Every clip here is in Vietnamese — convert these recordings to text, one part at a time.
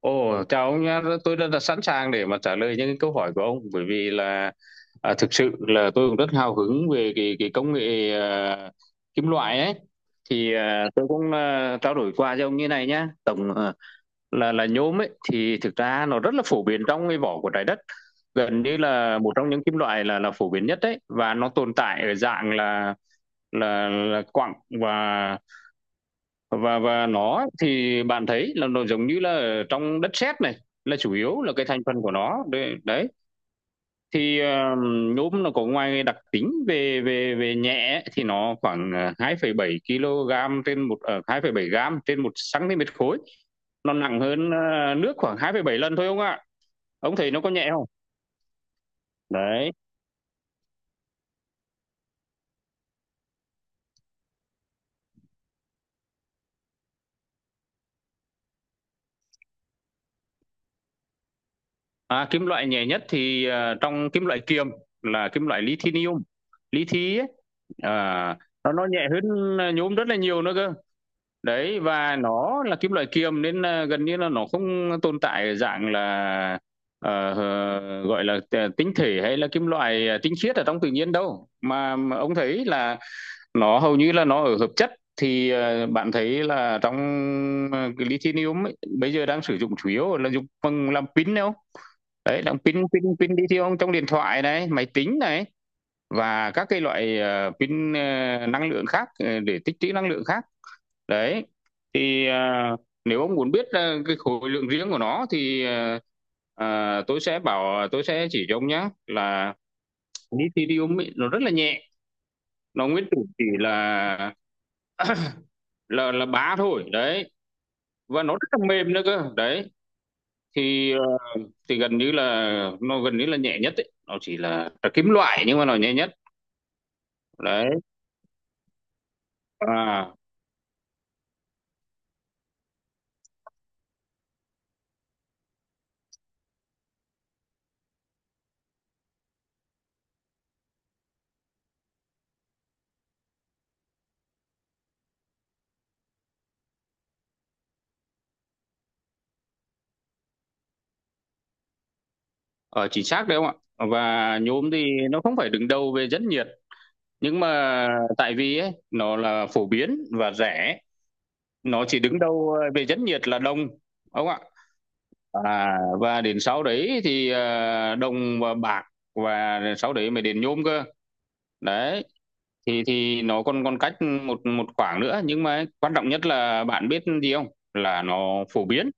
Ồ, chào ông nhé, tôi rất là sẵn sàng để mà trả lời những cái câu hỏi của ông bởi vì là thực sự là tôi cũng rất hào hứng về cái công nghệ kim loại ấy thì tôi cũng trao đổi qua với ông như này nhá tổng là nhôm ấy thì thực ra nó rất là phổ biến trong cái vỏ của trái đất, gần như là một trong những kim loại là phổ biến nhất đấy, và nó tồn tại ở dạng là là quặng. và và nó thì bạn thấy là nó giống như là ở trong đất sét này là chủ yếu là cái thành phần của nó đấy, đấy. thì ờ, Nhôm nó có, ngoài đặc tính về về về nhẹ, thì nó khoảng 2,7 kg trên một hai phẩy bảy gram trên một cm khối, nó nặng hơn nước khoảng hai phẩy bảy lần thôi ông ạ. À, ông thấy nó có nhẹ không, đấy. Kim loại nhẹ nhất thì trong kim loại kiềm là kim loại lithium. Lithium ấy, à, nó nhẹ hơn nhôm rất là nhiều nữa cơ. Đấy, và nó là kim loại kiềm nên gần như là nó không tồn tại dạng gọi là tinh thể hay là kim loại, tinh khiết ở trong tự nhiên đâu. Mà ông thấy là nó hầu như là nó ở hợp chất. Bạn thấy là trong cái lithium ấy, bây giờ đang sử dụng chủ yếu là dùng bằng làm pin đâu. Đấy, làm pin pin pin lithium trong điện thoại này, máy tính này, và các cái loại pin, năng lượng khác, để tích trữ năng lượng khác, đấy. thì à, Nếu ông muốn biết cái khối lượng riêng của nó thì tôi sẽ bảo tôi sẽ chỉ cho ông nhé là lithium ấy, nó rất là nhẹ, nó nguyên tử chỉ là là bá thôi đấy, và nó rất là mềm nữa cơ đấy. Thì ờ, thì Gần như là nó gần như là nhẹ nhất ấy. Nó chỉ là kim loại nhưng mà nó nhẹ nhất, đấy. à, Ở chính xác đấy không ạ, và nhôm thì nó không phải đứng đầu về rất nhiều, nhưng mà tại vì ấy, nó là phổ biến và rẻ. Nó chỉ đứng đâu về dẫn nhiệt là đồng, ông ạ. Và đến sau đấy thì đồng và bạc, và sau đấy mới đến nhôm cơ, đấy. Thì nó còn còn cách một một khoảng nữa, nhưng mà quan trọng nhất là bạn biết gì không, là nó phổ biến,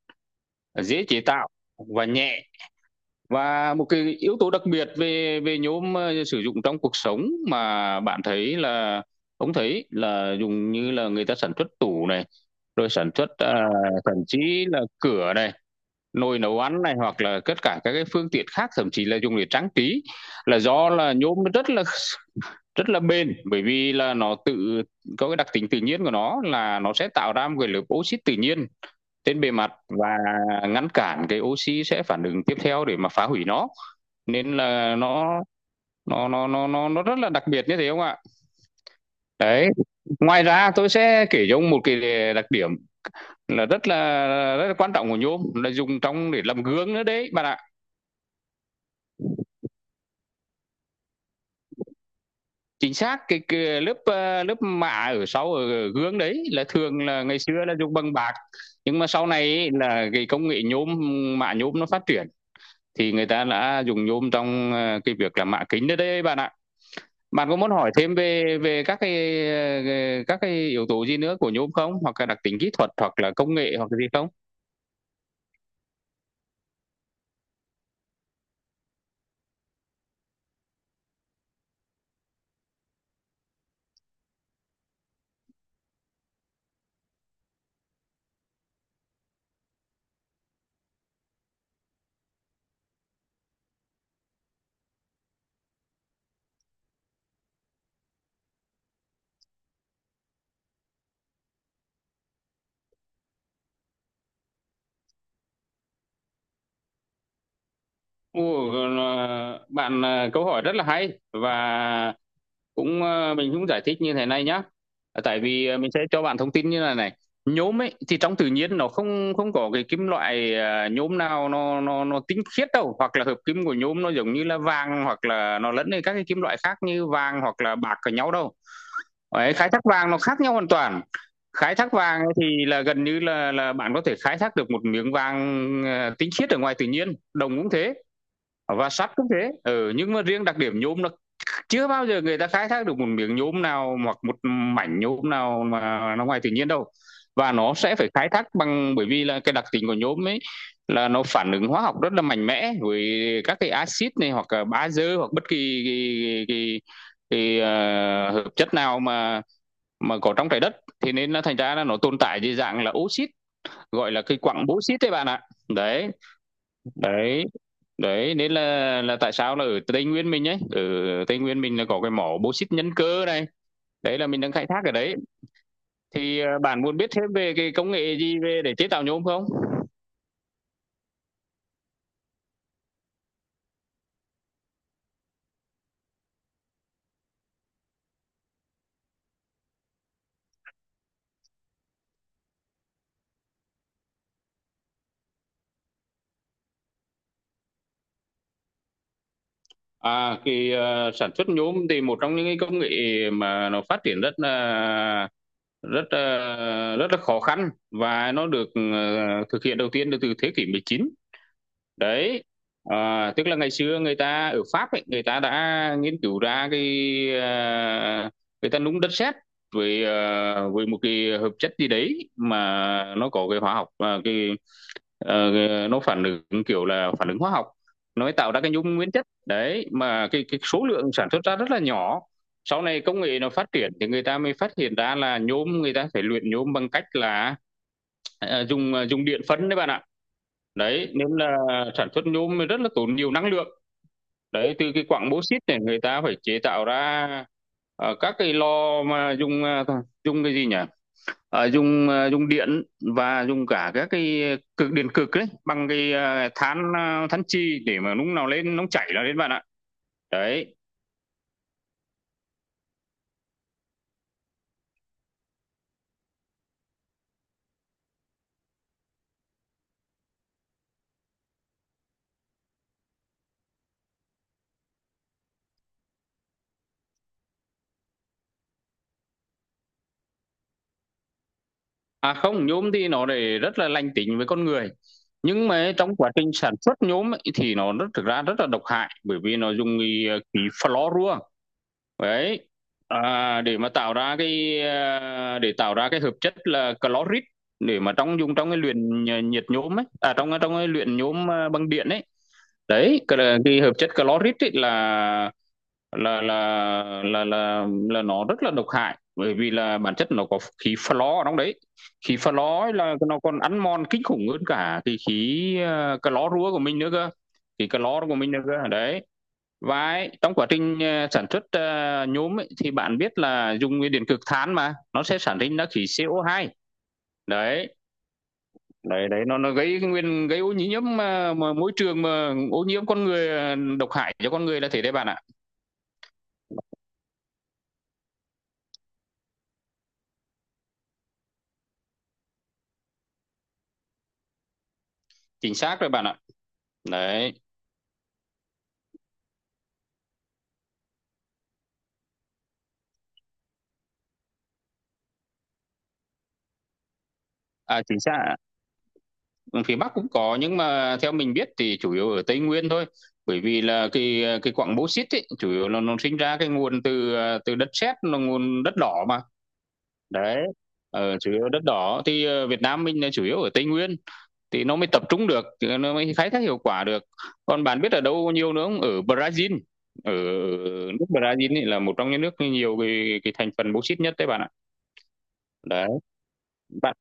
dễ chế tạo, và nhẹ. Và một cái yếu tố đặc biệt về về nhôm, sử dụng trong cuộc sống mà bạn thấy là ông thấy là dùng như là người ta sản xuất tủ này, rồi sản xuất thậm chí là cửa này, nồi nấu ăn này, hoặc là tất cả các cái phương tiện khác, thậm chí là dùng để trang trí, là do là nhôm nó rất là bền, bởi vì là nó tự có cái đặc tính tự nhiên của nó là nó sẽ tạo ra một cái lớp oxit tự nhiên trên bề mặt và ngăn cản cái oxy sẽ phản ứng tiếp theo để mà phá hủy nó, nên là nó rất là đặc biệt như thế không ạ, đấy. Ngoài ra tôi sẽ kể cho ông một cái đặc điểm là rất là quan trọng của nhôm, là dùng trong để làm gương nữa đấy bạn ạ. Chính xác, cái lớp lớp mạ ở sau ở gương đấy là thường là ngày xưa là dùng bằng bạc, nhưng mà sau này ý, là cái công nghệ nhôm, mạ nhôm nó phát triển thì người ta đã dùng nhôm trong cái việc là mạ kính đấy đấy bạn ạ. Bạn có muốn hỏi thêm về về các cái các cái yếu tố gì nữa của nhôm không? Hoặc là đặc tính kỹ thuật hoặc là công nghệ hoặc là gì không? Bạn, câu hỏi rất là hay, và mình cũng giải thích như thế này nhá. Tại vì, mình sẽ cho bạn thông tin như là này, nhôm ấy thì trong tự nhiên nó không không có cái kim loại, nhôm nào nó tinh khiết đâu, hoặc là hợp kim của nhôm nó giống như là vàng, hoặc là nó lẫn với các cái kim loại khác như vàng hoặc là bạc ở nhau đâu. Ấy, khai thác vàng nó khác nhau hoàn toàn. Khai thác vàng thì là gần như là bạn có thể khai thác được một miếng vàng tinh khiết ở ngoài tự nhiên, đồng cũng thế, và sắt cũng thế, ừ, nhưng mà riêng đặc điểm nhôm là chưa bao giờ người ta khai thác được một miếng nhôm nào hoặc một mảnh nhôm nào mà nó ngoài tự nhiên đâu. Và nó sẽ phải khai thác bằng, bởi vì là cái đặc tính của nhôm ấy là nó phản ứng hóa học rất là mạnh mẽ với các cái axit này, hoặc là bazơ, hoặc bất kỳ cái hợp chất nào mà có trong trái đất, thì nên nó thành ra là nó tồn tại dưới dạng là oxit, gọi là cái quặng bauxit đấy bạn ạ. Đấy đấy Đấy nên là tại sao là ở Tây Nguyên mình ấy, ở Tây Nguyên mình là có cái mỏ bauxit Nhân Cơ này, đấy là mình đang khai thác ở đấy. Bạn muốn biết thêm về cái công nghệ gì về để chế tạo nhôm không? Sản xuất nhôm thì một trong những cái công nghệ mà nó phát triển rất là khó khăn, và nó được thực hiện đầu tiên từ thế kỷ mười chín, đấy. Tức là ngày xưa người ta ở Pháp ấy, người ta đã nghiên cứu ra cái à, người ta nung đất sét với với một cái hợp chất gì đấy mà nó có cái hóa học và ờ, nó phản ứng kiểu là phản ứng hóa học, nó tạo ra cái nhung nguyên chất đấy, mà cái số lượng sản xuất ra rất là nhỏ. Sau này công nghệ nó phát triển thì người ta mới phát hiện ra là nhôm người ta phải luyện nhôm bằng cách là dùng dùng điện phân đấy bạn ạ. Đấy, nên là sản xuất nhôm rất là tốn nhiều năng lượng. Đấy, từ cái quặng bô xít này người ta phải chế tạo ra các cái lò mà dùng dùng cái gì nhỉ? Dùng dùng điện, và dùng cả các cực, điện cực đấy, bằng cái than, than chì, để mà lúc nào lên nóng chảy là lên bạn ạ. Đấy. À không, nhôm thì nó để rất là lành tính với con người. Nhưng mà trong quá trình sản xuất nhôm ấy, thì nó rất thực ra rất là độc hại, bởi vì nó dùng cái khí fluorua, đấy. Để mà tạo ra cái, để tạo ra cái hợp chất là clorit, để mà dùng trong cái luyện nhiệt nhôm ấy, à, trong trong cái luyện nhôm bằng điện ấy, đấy. Cái hợp chất clorit ấy là là là nó rất là độc hại, bởi vì là bản chất nó có khí flo ở trong đấy. Khí flo ấy là nó còn ăn mòn kinh khủng hơn cả cái khí clo rúa của mình nữa cơ, khí clo của mình nữa cơ, đấy. Và trong quá trình sản xuất nhôm ấy, thì bạn biết là dùng nguyên điện cực than mà nó sẽ sản sinh ra khí CO2, đấy. Đấy đấy Nó gây nguyên gây ô nhiễm mà môi trường, mà ô nhiễm con người, độc hại cho con người là thế đấy bạn ạ. Chính xác rồi bạn ạ, đấy. Chính xác, phía Bắc cũng có nhưng mà theo mình biết thì chủ yếu ở Tây Nguyên thôi, bởi vì là cái quặng bauxit ấy, chủ yếu là nó sinh ra cái nguồn từ từ đất sét là nguồn đất đỏ mà, đấy. Chủ yếu đất đỏ thì Việt Nam mình là chủ yếu ở Tây Nguyên, thì nó mới tập trung được, nó mới khai thác hiệu quả được. Còn bạn biết ở đâu nhiều nữa không? Ở Brazil, ở nước Brazil ấy, là một trong những nước nhiều cái thành phần bauxit nhất đấy bạn ạ. Đấy bạn.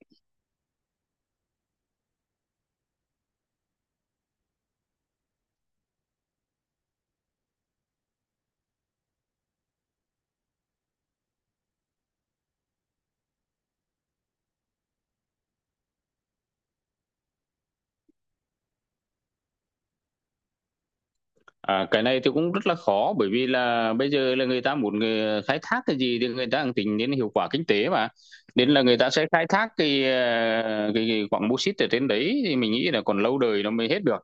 À, cái này thì cũng rất là khó, bởi vì là bây giờ là người ta muốn người khai thác cái gì thì người ta cũng tính đến hiệu quả kinh tế mà, nên là người ta sẽ khai thác cái cái quặng bô xít ở trên đấy, thì mình nghĩ là còn lâu đời nó mới hết được.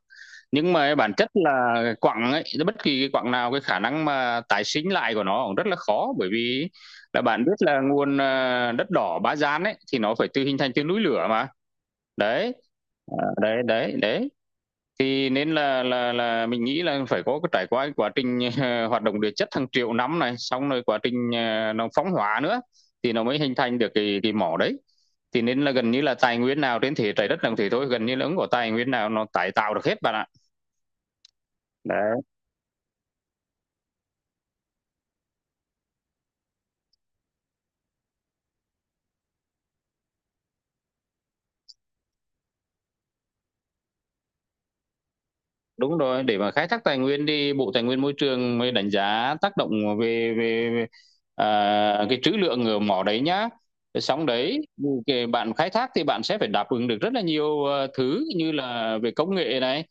Nhưng mà bản chất là quặng ấy, bất kỳ cái quặng nào, cái khả năng mà tái sinh lại của nó cũng rất là khó, bởi vì là bạn biết là nguồn đất đỏ Ba Gian ấy, thì nó phải tự hình thành từ núi lửa mà, đấy. Đấy thì nên là mình nghĩ là phải có cái trải qua cái quá trình hoạt động địa chất hàng triệu năm này, xong rồi quá trình nó phóng hóa nữa, thì nó mới hình thành được cái mỏ đấy. Thì nên là gần như là tài nguyên nào trên thế trái đất làm thế thôi, gần như là không có tài nguyên nào nó tái tạo được hết bạn ạ, đấy. Đúng rồi, để mà khai thác tài nguyên thì Bộ Tài nguyên Môi trường mới đánh giá tác động về về cái trữ lượng ở mỏ đấy nhá. Xong đấy, cái bạn khai thác thì bạn sẽ phải đáp ứng được rất là nhiều thứ, như là về công nghệ này,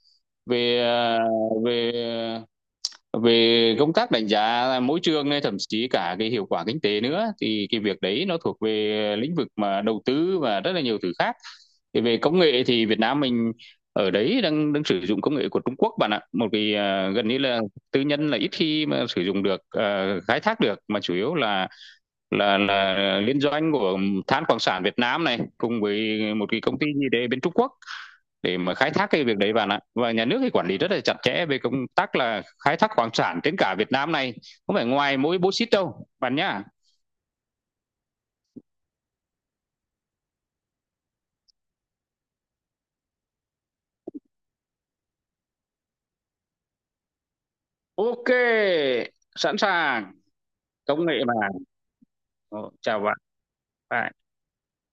về ờ, về về công tác đánh giá mỗi trường, thậm chí cả cái hiệu quả kinh tế nữa, thì cái việc đấy nó thuộc về lĩnh vực mà đầu tư và rất là nhiều thứ khác. Thì về công nghệ thì Việt Nam mình ở đấy đang đang sử dụng công nghệ của Trung Quốc bạn ạ, một cái gần như là tư nhân là ít khi mà sử dụng được, khai thác được, mà chủ yếu là là là liên doanh của Than Khoáng sản Việt Nam này cùng với một cái công ty gì đấy bên Trung Quốc, để mà khai thác cái việc đấy bạn ạ. Và nhà nước thì quản lý rất là chặt chẽ về công tác là khai thác khoáng sản trên cả Việt Nam này, không phải ngoài mỗi bố xít đâu bạn nhá. Ok, sẵn sàng. Công nghệ mà. Chào bạn. Bye.